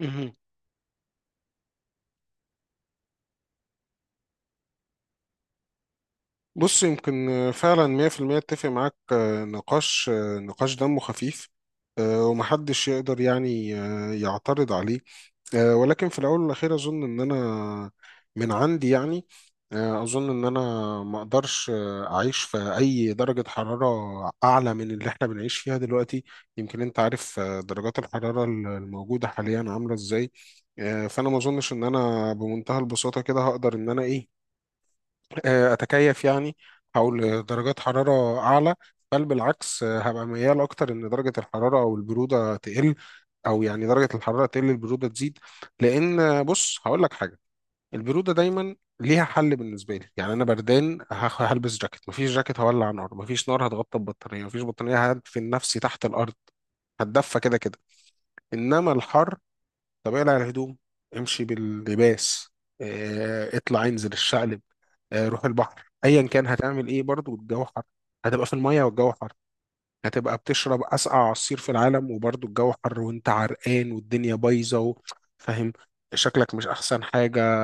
مهم. بص يمكن فعلا 100% اتفق معاك، نقاش دمه خفيف. ومحدش يقدر يعني يعترض عليه. ولكن في الأول والأخير أظن إن أنا من عندي، يعني أظن إن أنا ما أقدرش أعيش في أي درجة حرارة أعلى من اللي إحنا بنعيش فيها دلوقتي. يمكن أنت عارف، درجات الحرارة الموجودة حاليا عاملة إزاي. فأنا ما أظنش إن أنا بمنتهى البساطة كده هقدر إن أنا إيه، اتكيف يعني. هقول درجات حراره اعلى؟ بل بالعكس، هبقى ميال اكتر ان درجه الحراره او البروده تقل، او يعني درجه الحراره تقل البروده تزيد. لان بص هقول لك حاجه. البروده دايما ليها حل بالنسبه لي. يعني انا بردان هلبس جاكيت، مفيش جاكيت هولع نار، مفيش نار هتغطى البطاريه، مفيش بطاريه هدفن نفسي تحت الارض. هتدفى كده كده. انما الحر، طب اقلع الهدوم، امشي باللباس، اطلع انزل الشقل، روح البحر، ايا كان هتعمل ايه برضو الجو حر. هتبقى في المية والجو حر، هتبقى بتشرب اسقع عصير في العالم وبرضو الجو حر، وانت عرقان والدنيا بايظة فاهم؟ شكلك مش احسن حاجة،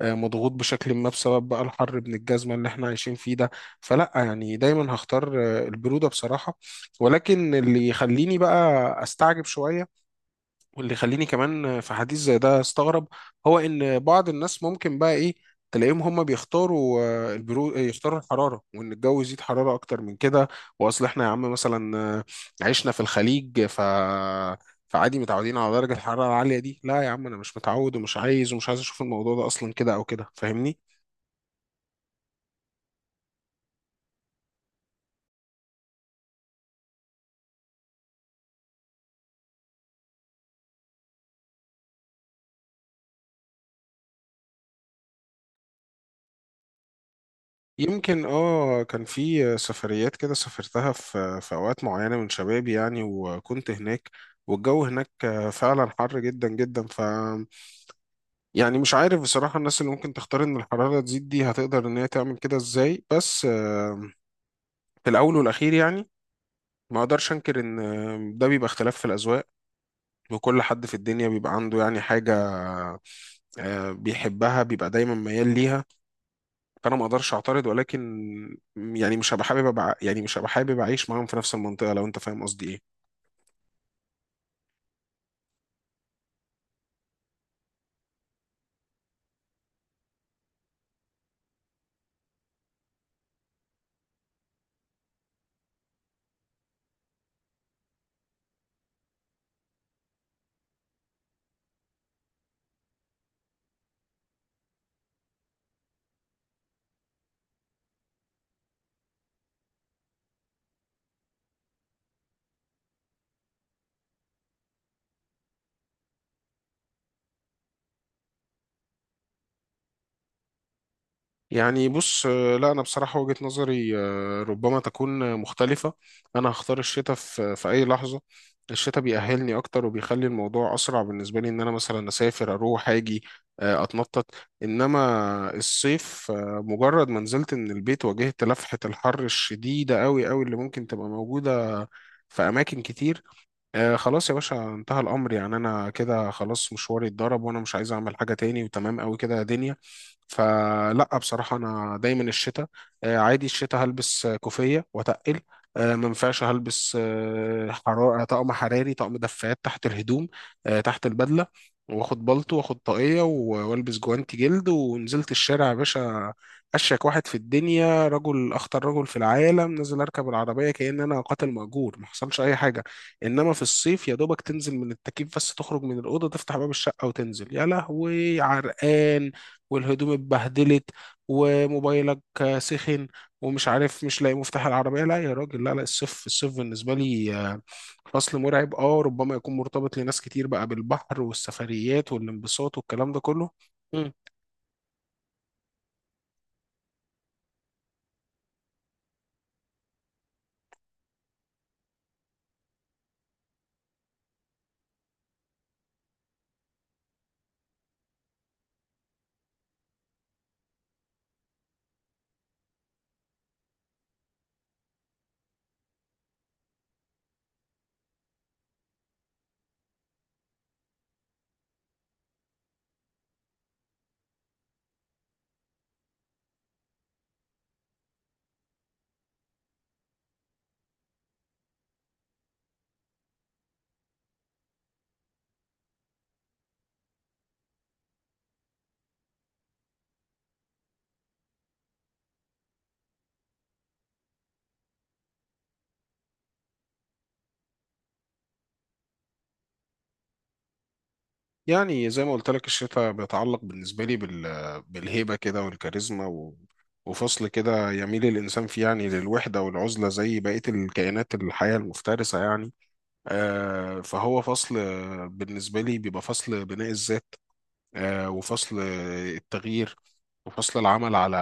مضغوط بشكل ما بسبب بقى الحر ابن الجزمة اللي احنا عايشين فيه ده. فلا، يعني دايما هختار البرودة بصراحة. ولكن اللي يخليني بقى استعجب شوية، واللي يخليني كمان في حديث زي ده استغرب، هو ان بعض الناس ممكن بقى ايه، تلاقيهم هم بيختاروا آه، البرو آه، يختاروا الحراره وان الجو يزيد حراره اكتر من كده. واصل احنا يا عم مثلا عشنا في الخليج، ف فعادي متعودين على درجه الحراره العاليه دي. لا يا عم، انا مش متعود ومش عايز اشوف الموضوع ده اصلا كده او كده، فاهمني؟ يمكن كان في سفريات كده سافرتها في اوقات معينه من شبابي يعني، وكنت هناك والجو هناك فعلا حر جدا جدا. يعني مش عارف بصراحة، الناس اللي ممكن تختار إن الحرارة تزيد دي هتقدر إن هي تعمل كده إزاي؟ بس في الأول والأخير يعني ما أقدرش أنكر إن ده بيبقى اختلاف في الأذواق، وكل حد في الدنيا بيبقى عنده يعني حاجة بيحبها، بيبقى دايما ميال ليها. فأنا ما أقدرش أعترض، ولكن يعني مش هبقى حابب أبقى يعني مش هبقى حابب أعيش معاهم في نفس المنطقة، لو أنت فاهم قصدي إيه. يعني بص، لا انا بصراحه وجهه نظري ربما تكون مختلفه. انا هختار الشتاء في اي لحظه. الشتاء بيأهلني اكتر وبيخلي الموضوع اسرع بالنسبه لي، ان انا مثلا اسافر، اروح اجي، اتنطط. انما الصيف، مجرد ما نزلت من البيت واجهت لفحه الحر الشديده قوي قوي اللي ممكن تبقى موجوده في اماكن كتير. خلاص يا باشا انتهى الأمر، يعني أنا كده خلاص مشواري اتضرب، وأنا مش عايز أعمل حاجة تاني، وتمام أوي كده يا دنيا. فلا، بصراحة أنا دايما الشتاء. عادي الشتاء هلبس كوفية وأتقل، ما ينفعش هلبس حرارة، طقم حراري، طقم دفايات تحت الهدوم، تحت البدلة، واخد بلطو، واخد طاقية والبس جوانتي جلد، ونزلت الشارع يا باشا، أشيك واحد في الدنيا، رجل أخطر رجل في العالم، نزل أركب العربية كأن أنا قاتل مأجور ما حصلش أي حاجة. انما في الصيف، يا دوبك تنزل من التكييف، بس تخرج من الاوضه تفتح باب الشقه وتنزل يا لهوي عرقان، والهدوم اتبهدلت، وموبايلك سخن، ومش عارف مش لاقي مفتاح العربيه. لا يا راجل، لا لا، الصيف بالنسبه لي فصل مرعب. اه ربما يكون مرتبط لناس كتير بقى بالبحر والسفريات والانبساط والكلام ده كله. يعني زي ما قلت لك، الشتاء بيتعلق بالنسبة لي بالهيبة كده والكاريزما وفصل كده يميل الإنسان فيه يعني للوحدة والعزلة، زي بقية الكائنات الحية المفترسة يعني. فهو فصل بالنسبة لي بيبقى فصل بناء الذات، وفصل التغيير، وفصل العمل على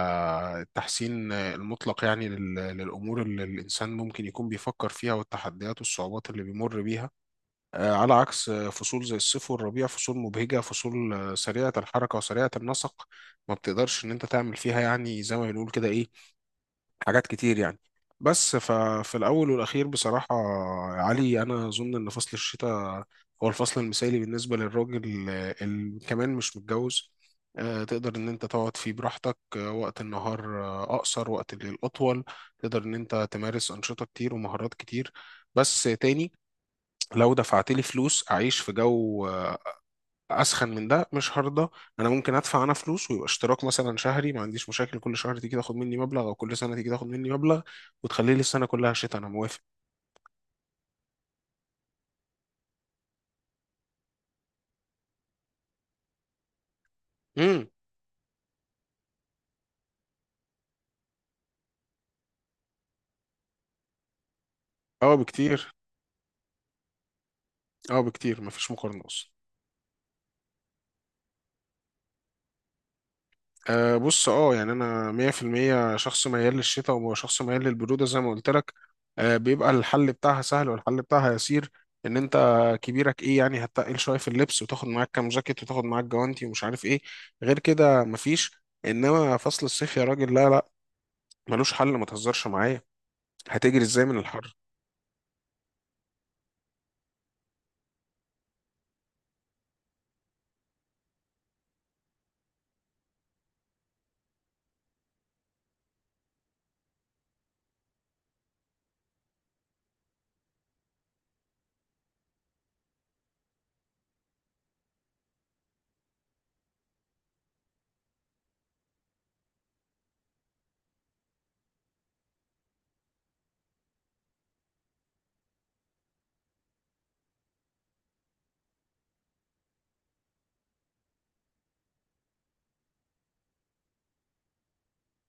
التحسين المطلق، يعني للأمور اللي الإنسان ممكن يكون بيفكر فيها والتحديات والصعوبات اللي بيمر بيها. على عكس فصول زي الصيف والربيع، فصول مبهجة، فصول سريعة الحركة وسريعة النسق. ما بتقدرش ان انت تعمل فيها يعني زي ما بنقول كده ايه، حاجات كتير يعني. بس ففي الاول والاخير بصراحة، يا علي، انا اظن ان فصل الشتاء هو الفصل المثالي بالنسبة للراجل اللي كمان مش متجوز. تقدر ان انت تقعد فيه براحتك، وقت النهار اقصر، وقت الليل اطول، تقدر ان انت تمارس انشطة كتير ومهارات كتير. بس تاني، لو دفعت لي فلوس اعيش في جو اسخن من ده، مش هرضى. انا ممكن ادفع انا فلوس، ويبقى اشتراك مثلا شهري، ما عنديش مشاكل، كل شهر تيجي تاخد مني مبلغ، او كل سنه تيجي تاخد مني مبلغ، وتخلي لي السنه كلها شتاء، انا موافق. امم. اه بكتير، اه بكتير، مفيش مقارنه اصلا. أه بص، يعني انا 100% شخص ميال للشتاء وشخص ميال للبرودة زي ما قلت لك. بيبقى الحل بتاعها سهل والحل بتاعها يسير، ان انت كبيرك ايه يعني هتقل شوية في اللبس، وتاخد معاك كام جاكيت، وتاخد معاك جوانتي ومش عارف ايه، غير كده مفيش. انما فصل الصيف يا راجل لا لا، ملوش حل، ما تهزرش معايا، هتجري ازاي من الحر؟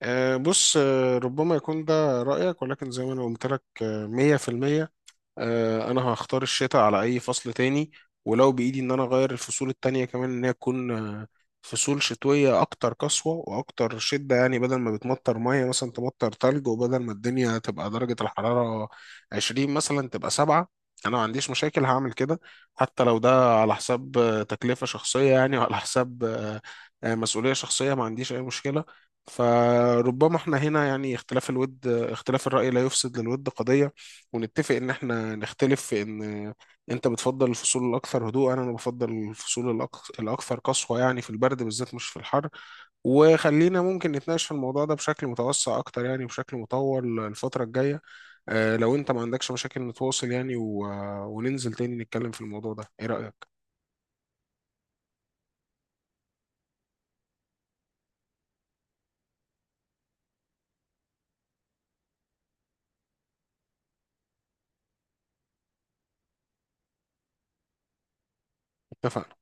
بص، ربما يكون ده رأيك، ولكن زي ما انا قلت لك 100%، انا هختار الشتاء على اي فصل تاني. ولو بايدي ان انا اغير الفصول التانية كمان ان هي تكون فصول شتوية اكتر قسوة واكتر شدة، يعني بدل ما بتمطر مية مثلا تمطر تلج، وبدل ما الدنيا تبقى درجة الحرارة 20 مثلا تبقى 7، انا ما عنديش مشاكل هعمل كده. حتى لو ده على حساب تكلفة شخصية يعني، وعلى حساب مسؤولية شخصية، ما عنديش اي مشكلة. فربما احنا هنا يعني اختلاف الود، اختلاف الرأي لا يفسد للود قضية، ونتفق ان احنا نختلف في ان انت بتفضل الفصول الاكثر هدوء، انا بفضل الفصول الاكثر قسوة يعني، في البرد بالذات مش في الحر. وخلينا ممكن نتناقش في الموضوع ده بشكل متوسع اكتر، يعني بشكل مطول الفترة الجاية. لو انت ما عندكش مشاكل نتواصل يعني وننزل تاني نتكلم في الموضوع ده، ايه رأيك؟ اتفقنا.